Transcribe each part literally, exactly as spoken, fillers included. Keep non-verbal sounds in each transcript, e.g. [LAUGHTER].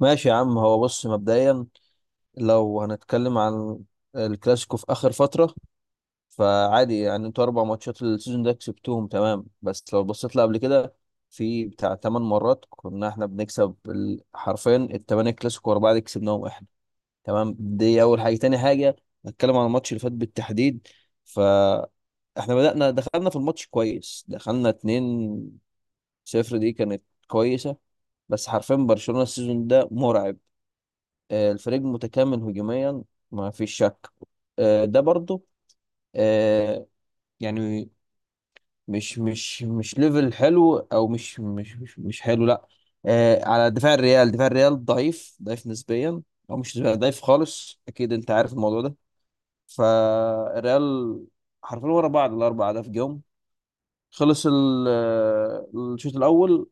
ماشي يا عم. هو بص، مبدئيا لو هنتكلم عن الكلاسيكو في آخر فترة، فعادي يعني انتوا أربع ماتشات السيزون ده كسبتوهم، تمام. بس لو بصيت لها قبل كده، في بتاع تمن مرات كنا احنا بنكسب ال- حرفيا التمانية كلاسيكو ورا بعض كسبناهم احنا، تمام. دي أول حاجة. تاني حاجة، هنتكلم عن الماتش اللي فات بالتحديد. ف احنا بدأنا، دخلنا في الماتش كويس، دخلنا اتنين صفر، دي كانت كويسة. بس حرفيا برشلونة السيزون ده مرعب. آه، الفريق متكامل هجوميا، ما فيش شك. آه، ده برضو، آه، يعني مش مش مش ليفل حلو، او مش مش مش, مش حلو، لا. آه، على دفاع الريال دفاع الريال ضعيف ضعيف نسبيا، او مش ضعيف خالص، اكيد انت عارف الموضوع ده. فالريال حرفيا ورا بعض الاربع اهداف جم، خلص ال- آه، الشوط الاول.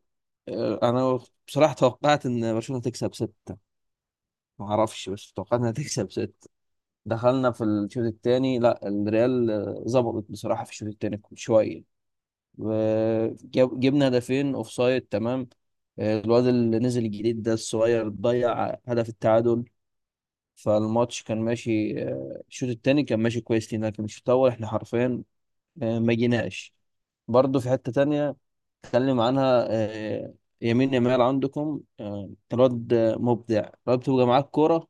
آه، انا بصراحه توقعت ان برشلونه تكسب سته، ما اعرفش، بس توقعت انها تكسب سته. دخلنا في الشوط الثاني، لا الريال آه، ظبطت بصراحة في الشوط الثاني شوية، وجبنا هدفين اوف سايد، تمام. آه، الواد اللي نزل الجديد ده الصغير ضيع هدف التعادل. فالماتش كان ماشي، آه، الشوط الثاني كان ماشي كويس لينا، لكن الشوط الأول احنا حرفيا آه، ما جيناش. برضه في حتة تانية اتكلم عنها، آه، يمين، يمال عندكم، آه، الواد آه، مبدع. الواد بتبقى معاك كورة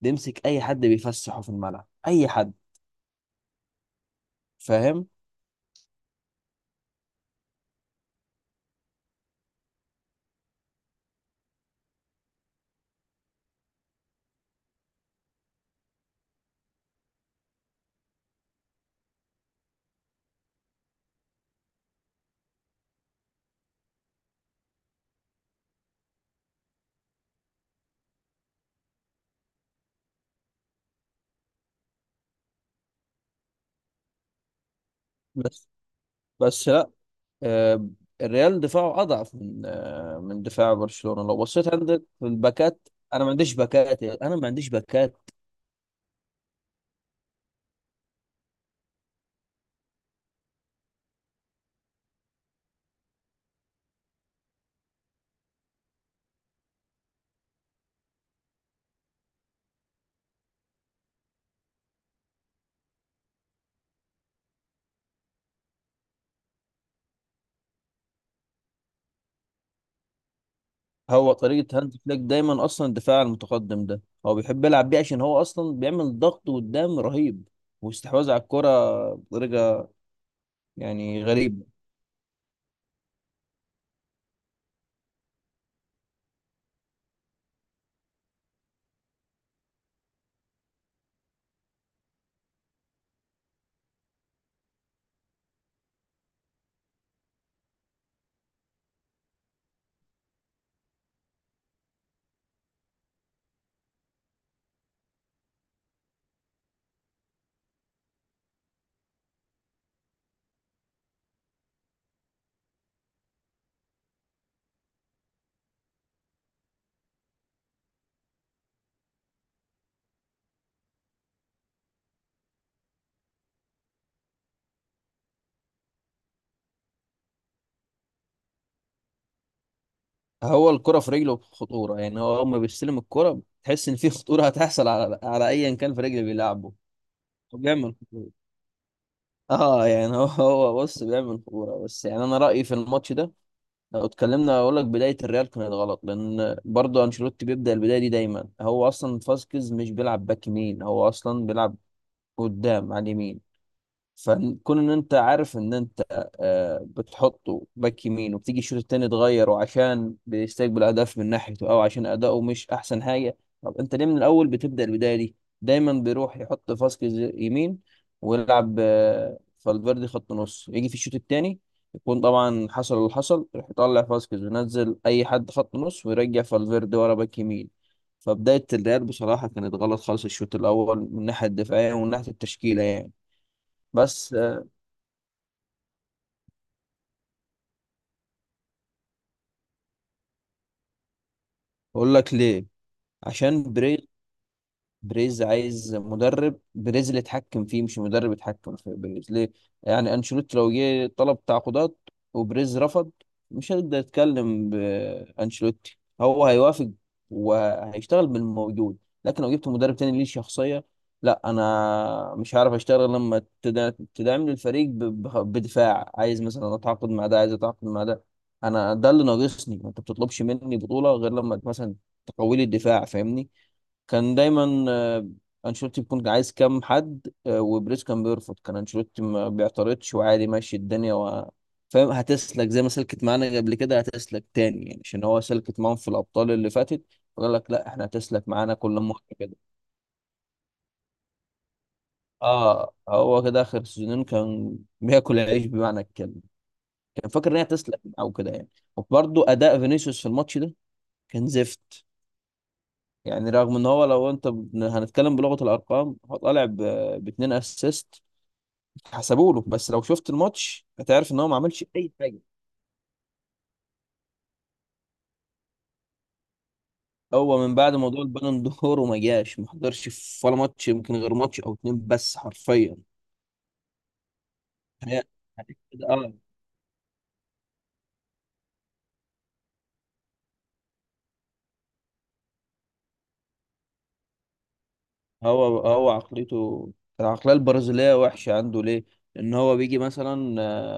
بيمسك أي حد، بيفسحه في الملعب أي حد، فاهم؟ بس بس لا، آه، الريال دفاعه اضعف من آه، من دفاع برشلونة، لو بصيت عندك في الباكات. انا ما عنديش باكات، انا ما عنديش باكات. هو طريقة هانز فليك دايما اصلا الدفاع المتقدم ده، هو بيحب يلعب بيه عشان هو اصلا بيعمل ضغط قدام رهيب، واستحواذ على الكرة بطريقة، يعني، غريبة. هو الكرة في رجله خطورة، يعني هو أول ما بيستلم الكرة تحس إن في خطورة هتحصل، على على أيا كان في رجله بيلعبه. هو بيعمل، اه يعني هو [LAUGHS] هو بص بيعمل كوره، بس يعني انا رايي في الماتش ده لو اتكلمنا اقول لك، بدايه الريال كانت غلط، لان برضه انشيلوتي بيبدا البدايه دي دايما. هو اصلا فاسكيز مش بيلعب باك يمين، هو اصلا بيلعب قدام على اليمين. فكون ان انت عارف ان انت آه، بتحطه باك يمين، وبتيجي الشوط التاني تغيره عشان بيستقبل اهداف من ناحيته، او عشان اداؤه مش احسن حاجه، طب انت ليه من الاول بتبدا البدايه دي؟ دايما بيروح يحط فاسكيز يمين ويلعب آه، فالفيردي خط نص، يجي في الشوط التاني يكون طبعا حصل اللي حصل، يروح يطلع فاسكيز وينزل اي حد خط نص، ويرجع فالفيردي ورا باك يمين. فبدايه الريال بصراحه كانت غلط خالص، الشوط الاول من الناحيه الدفاعيه ومن ناحيه التشكيله يعني. بس اقول لك ليه، عشان بري بريز عايز مدرب، بريز اللي يتحكم فيه مش مدرب يتحكم في بريز. ليه؟ يعني انشيلوتي لو جه طلب تعاقدات وبريز رفض، مش هيقدر يتكلم بانشيلوتي، هو هيوافق وهيشتغل بالموجود. لكن لو جبت مدرب تاني ليه شخصية، لا انا مش هعرف اشتغل لما تدا- تدعم لي الفريق ب- ب- بدفاع، عايز مثلا اتعاقد مع ده، عايز اتعاقد مع ده، انا ده اللي ناقصني. ما انت بتطلبش مني بطولة غير لما مثلا تقوي لي الدفاع، فاهمني؟ كان دايما آه، انشيلوتي بيكون عايز كام حد، آه، وبريز كان بيرفض، كان انشيلوتي ما بيعترضش وعادي، ماشي الدنيا و... فاهم. هتسلك زي ما سلكت معانا قبل كده، هتسلك تاني يعني، عشان هو سلكت معاهم في الابطال اللي فاتت، وقال لك لا، احنا هتسلك معانا كل مره كده. اه هو كده، اخر سيزونين كان بياكل العيش بمعنى الكلمه، كان فاكر ان هي هتسلك او كده يعني. وبرضه اداء فينيسيوس في الماتش ده كان زفت. يعني رغم ان هو، لو انت ب- هنتكلم بلغه الارقام، هو طالع ب- باتنين اسيست حسبوا له، بس لو شفت الماتش هتعرف ان هو ما عملش اي حاجه. هو من بعد موضوع البالون دور وما جاش، ما حضرش في ولا ماتش، يمكن غير ماتش او اتنين بس حرفيا. هي هي كده اه. هو هو عقليته، العقليه البرازيليه وحشه. عنده ليه؟ ان هو بيجي مثلا آه،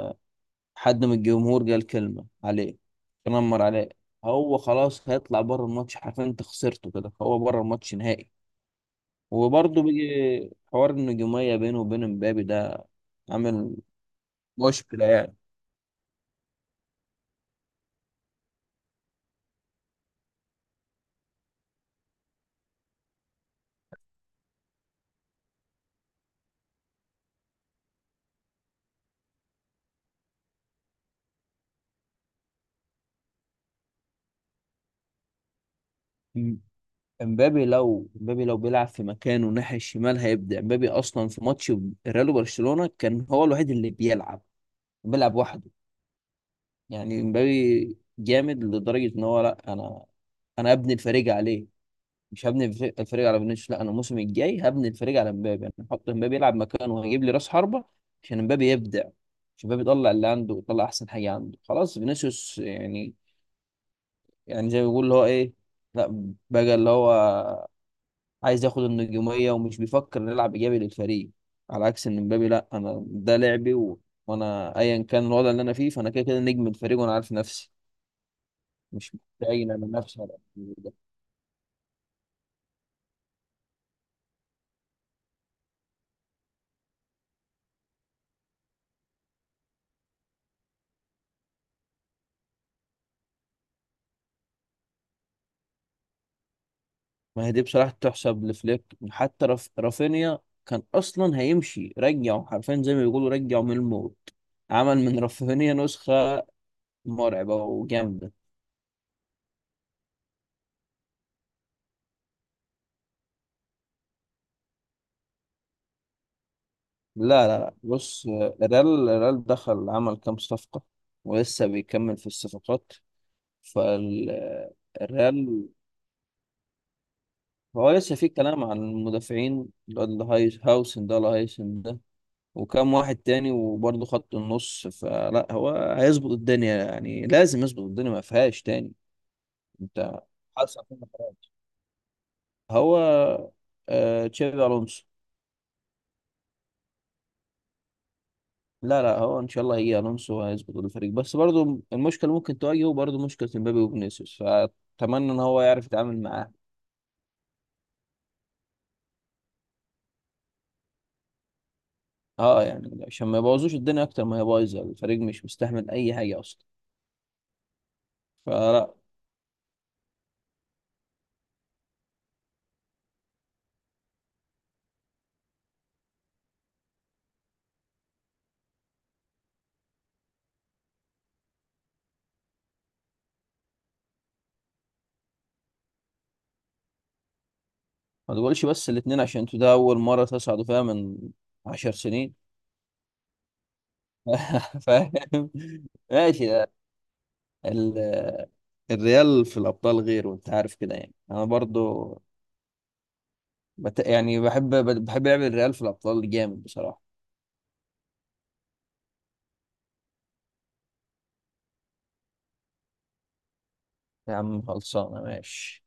حد من الجمهور قال كلمه عليه، تنمر عليه، هو خلاص هيطلع بره الماتش حرفيا، انت خسرته كده، فهو بره الماتش نهائي. وبرضه بيجي حوار النجوميه بينه وبين امبابي ده، عامل مشكله يعني. م- امبابي لو امبابي لو بيلعب في مكانه ناحية الشمال، هيبدع امبابي. اصلا في ماتش ريال وبرشلونة كان هو الوحيد اللي بيلعب، بيلعب وحده. يعني امبابي جامد لدرجة ان هو، لا، انا انا ابني الفريق عليه، مش هبني الف- الفريق على فينيسيوس. لا انا الموسم الجاي هبني الفريق على امبابي، انا هحط امبابي يلعب مكانه، وهجيب لي راس حربة عشان امبابي يبدع، عشان امبابي يطلع اللي عنده، ويطلع احسن حاجة عنده. خلاص فينيسيوس، يعني يعني زي ما بيقول اللي هو، ايه، لا بقى اللي هو عايز ياخد النجومية، ومش بيفكر نلعب إيجابي للفريق. على عكس إن مبابي، لأ، أنا ده لعبي، و... وأنا أيا كان الوضع اللي أنا فيه، فأنا كده كده نجم الفريق، وأنا عارف نفسي، مش متعين أنا نفسي على ده. ما هي دي بصراحة تحسب لفليك، حتى رف... رافينيا كان أصلا هيمشي، رجعه حرفيا زي ما بيقولوا رجعه من الموت، عمل من رافينيا نسخة مرعبة وجامدة. لا لا لا، بص الريال، الريال دخل عمل كام صفقة، ولسه بيكمل في الصفقات. فالريال، هو لسه في كلام عن المدافعين، الواد هايس هاوسن ده ولا هايسن ده، وكام واحد تاني، وبرضه خط النص، فلا هو هيظبط الدنيا يعني، لازم يظبط الدنيا ما فيهاش تاني. انت حاسس على كل حاجة. هو آه تشافي الونسو. لا لا، هو ان شاء الله هيجي الونسو وهيظبط الفريق، بس برضه المشكله اللي ممكن تواجهه، برضه مشكله مبابي وفينيسيوس، فاتمنى ان هو يعرف يتعامل معاها. اه يعني عشان ما يبوظوش الدنيا اكتر ما هي بايظه، الفريق مش مستحمل اي حاجه اصلا، فلا. ما تقولش بس الاتنين، عشان انتوا ده اول مره تصعدوا فيها من عشر سنين. [LAUGHS] فاهم. ماشي. لا، ال- الريال في الابطال غير، وانت عارف كده يعني، انا برضو بت... يعني بحب بحب لعب الريال في الابطال جامد بصراحه. يا عم خلصانه، ماشي.